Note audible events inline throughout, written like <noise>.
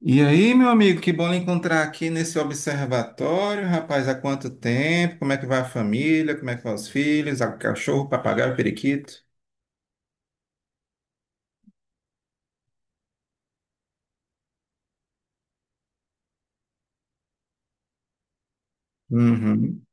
E aí, meu amigo, que bom lhe encontrar aqui nesse observatório, rapaz, há quanto tempo? Como é que vai a família? Como é que vão os filhos? O cachorro, o papagaio, o periquito? Uhum.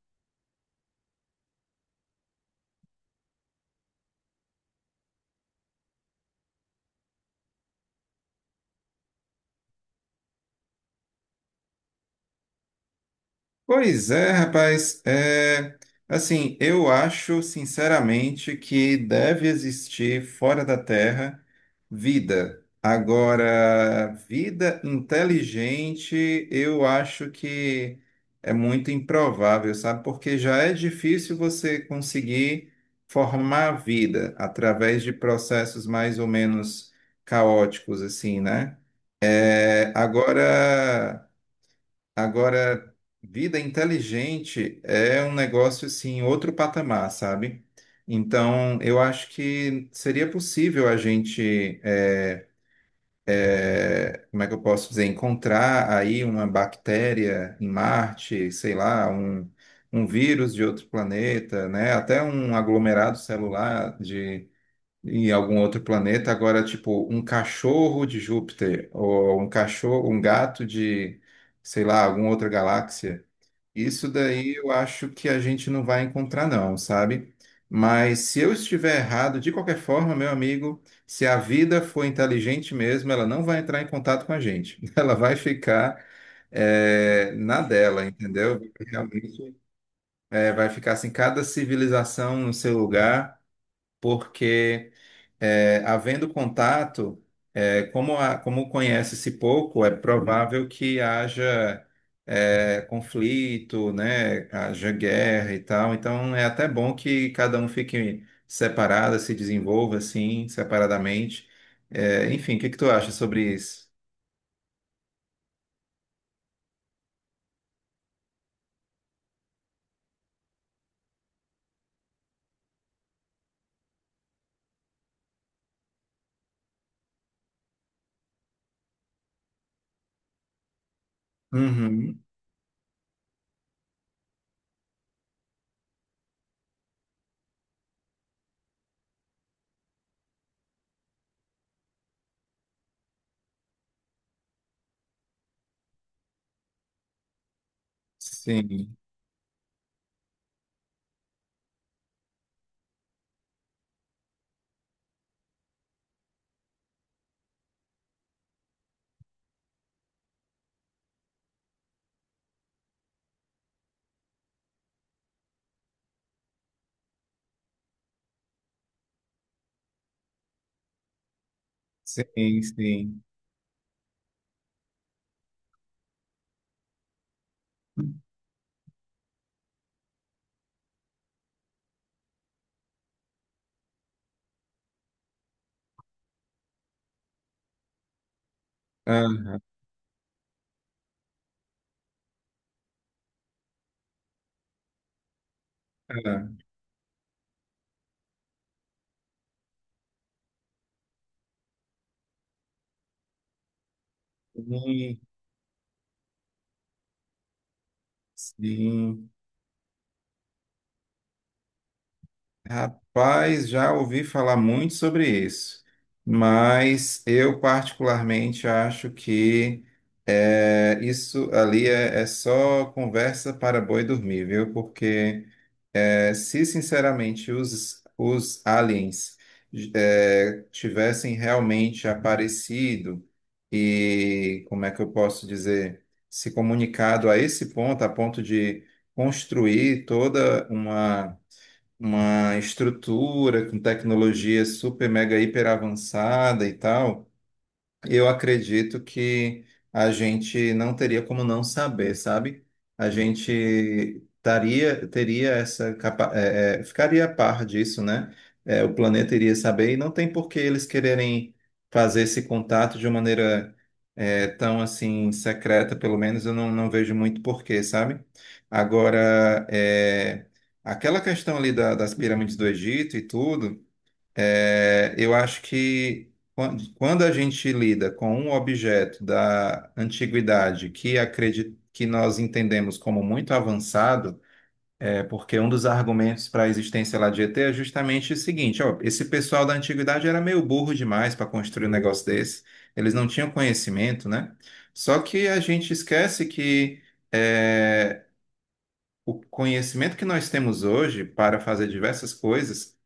Pois é, rapaz. Assim, eu acho sinceramente que deve existir fora da Terra vida. Agora, vida inteligente, eu acho que é muito improvável, sabe? Porque já é difícil você conseguir formar vida através de processos mais ou menos caóticos, assim, né? É, agora. Agora, vida inteligente é um negócio assim, outro patamar, sabe? Então, eu acho que seria possível a gente, como é que eu posso dizer, encontrar aí uma bactéria em Marte, sei lá, um vírus de outro planeta, né? Até um aglomerado celular de em algum outro planeta. Agora, tipo, um cachorro de Júpiter ou um cachorro, um gato de, sei lá, alguma outra galáxia. Isso daí eu acho que a gente não vai encontrar, não, sabe? Mas se eu estiver errado, de qualquer forma, meu amigo, se a vida for inteligente mesmo, ela não vai entrar em contato com a gente. <laughs> Ela vai ficar, na dela, entendeu? Realmente, vai ficar assim, cada civilização no seu lugar, porque, é, havendo contato, como, como conhece-se pouco, é provável que haja conflito, né? Haja guerra e tal. Então é até bom que cada um fique separado, se desenvolva assim, separadamente. Enfim, o que que tu acha sobre isso? Uhum. Sim, sim, sim. Ah, ah. Sim, sim. Rapaz, já ouvi falar muito sobre isso, mas eu particularmente acho que isso ali é só conversa para boi dormir, viu? Porque se sinceramente os aliens tivessem realmente aparecido e, como é que eu posso dizer, se comunicado a esse ponto, a ponto de construir toda uma estrutura com tecnologia super, mega, hiper avançada e tal. Eu acredito que a gente não teria como não saber, sabe? A gente teria essa capa ficaria a par disso, né? É, o planeta iria saber e não tem por que eles quererem fazer esse contato de uma maneira tão assim secreta, pelo menos eu não vejo muito porquê, sabe? Agora, aquela questão ali das pirâmides do Egito e tudo. Eu acho que quando a gente lida com um objeto da antiguidade que acredito que nós entendemos como muito avançado, é porque um dos argumentos para a existência lá de ET é justamente o seguinte, ó, esse pessoal da antiguidade era meio burro demais para construir um negócio desse, eles não tinham conhecimento, né? Só que a gente esquece que é, o conhecimento que nós temos hoje para fazer diversas coisas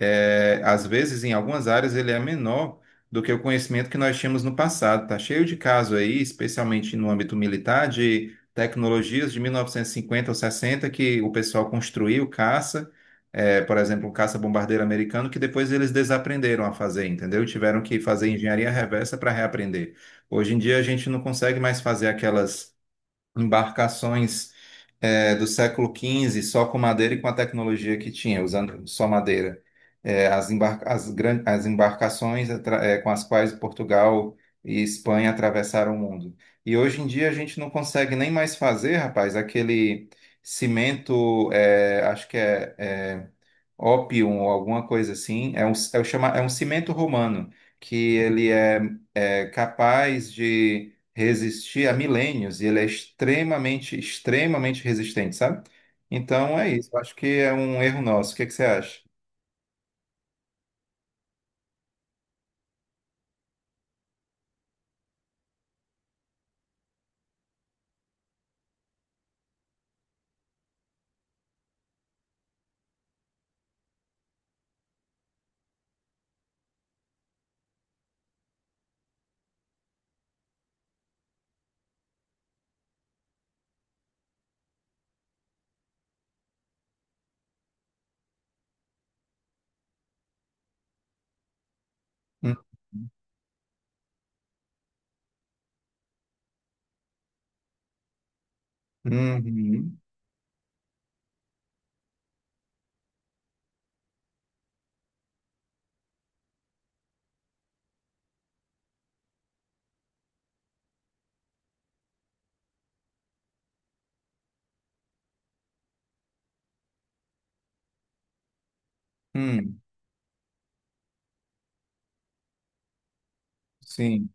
às vezes, em algumas áreas, ele é menor do que o conhecimento que nós tínhamos no passado. Está cheio de caso aí, especialmente no âmbito militar, de tecnologias de 1950 ou 60 que o pessoal construiu, caça, por exemplo, um caça-bombardeiro americano, que depois eles desaprenderam a fazer, entendeu? Tiveram que fazer engenharia reversa para reaprender. Hoje em dia, a gente não consegue mais fazer aquelas embarcações do século XV só com madeira e com a tecnologia que tinha, usando só madeira. As embarcações com as quais Portugal e Espanha atravessaram o mundo. E hoje em dia a gente não consegue nem mais fazer, rapaz, aquele cimento, acho que é ópium ou alguma coisa assim, é um cimento romano, que ele é capaz de resistir a milênios e ele é extremamente, extremamente resistente, sabe? Então é isso. Eu acho que é um erro nosso. O que é que você acha? Hum. Uhum. Hum, sim.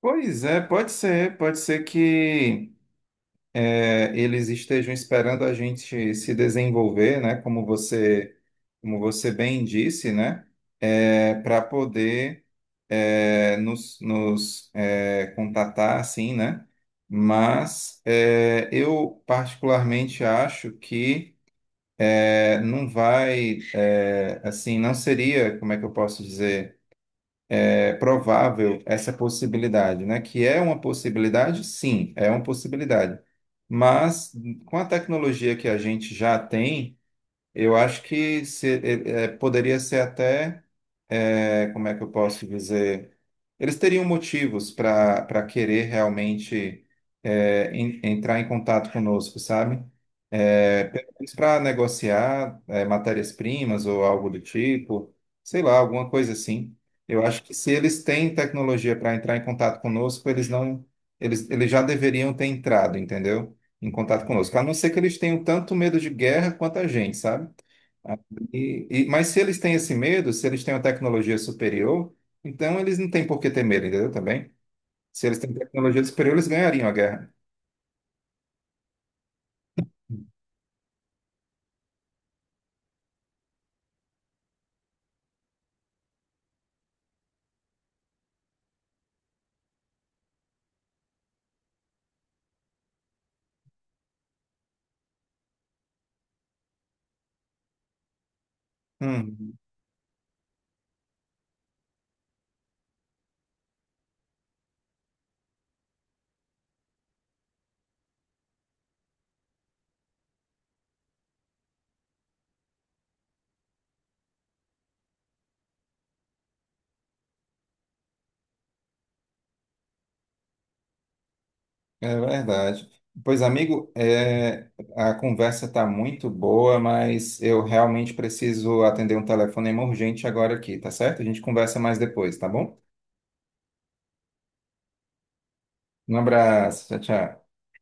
Pois é, pode ser. Pode ser que eles estejam esperando a gente se desenvolver, né? Como você bem disse, né? Para poder, nos contatar, assim, né? Mas eu particularmente acho que não vai, assim, não seria, como é que eu posso dizer, provável essa possibilidade, né? Que é uma possibilidade, sim, é uma possibilidade. Mas com a tecnologia que a gente já tem, eu acho que poderia ser até como é que eu posso dizer? Eles teriam motivos para querer realmente entrar em contato conosco, sabe? Pelo menos para negociar matérias-primas ou algo do tipo, sei lá, alguma coisa assim. Eu acho que se eles têm tecnologia para entrar em contato conosco, eles não, eles já deveriam ter entrado, entendeu? Em contato conosco. A não ser que eles tenham tanto medo de guerra quanto a gente, sabe? Mas se eles têm esse medo, se eles têm uma tecnologia superior, então eles não têm por que ter medo, entendeu? Também. Se eles têm tecnologia superior, eles ganhariam a guerra. Hum, é verdade. Pois, amigo, a conversa está muito boa, mas eu realmente preciso atender um telefonema urgente agora aqui, tá certo? A gente conversa mais depois, tá bom? Um abraço, tchau, tchau.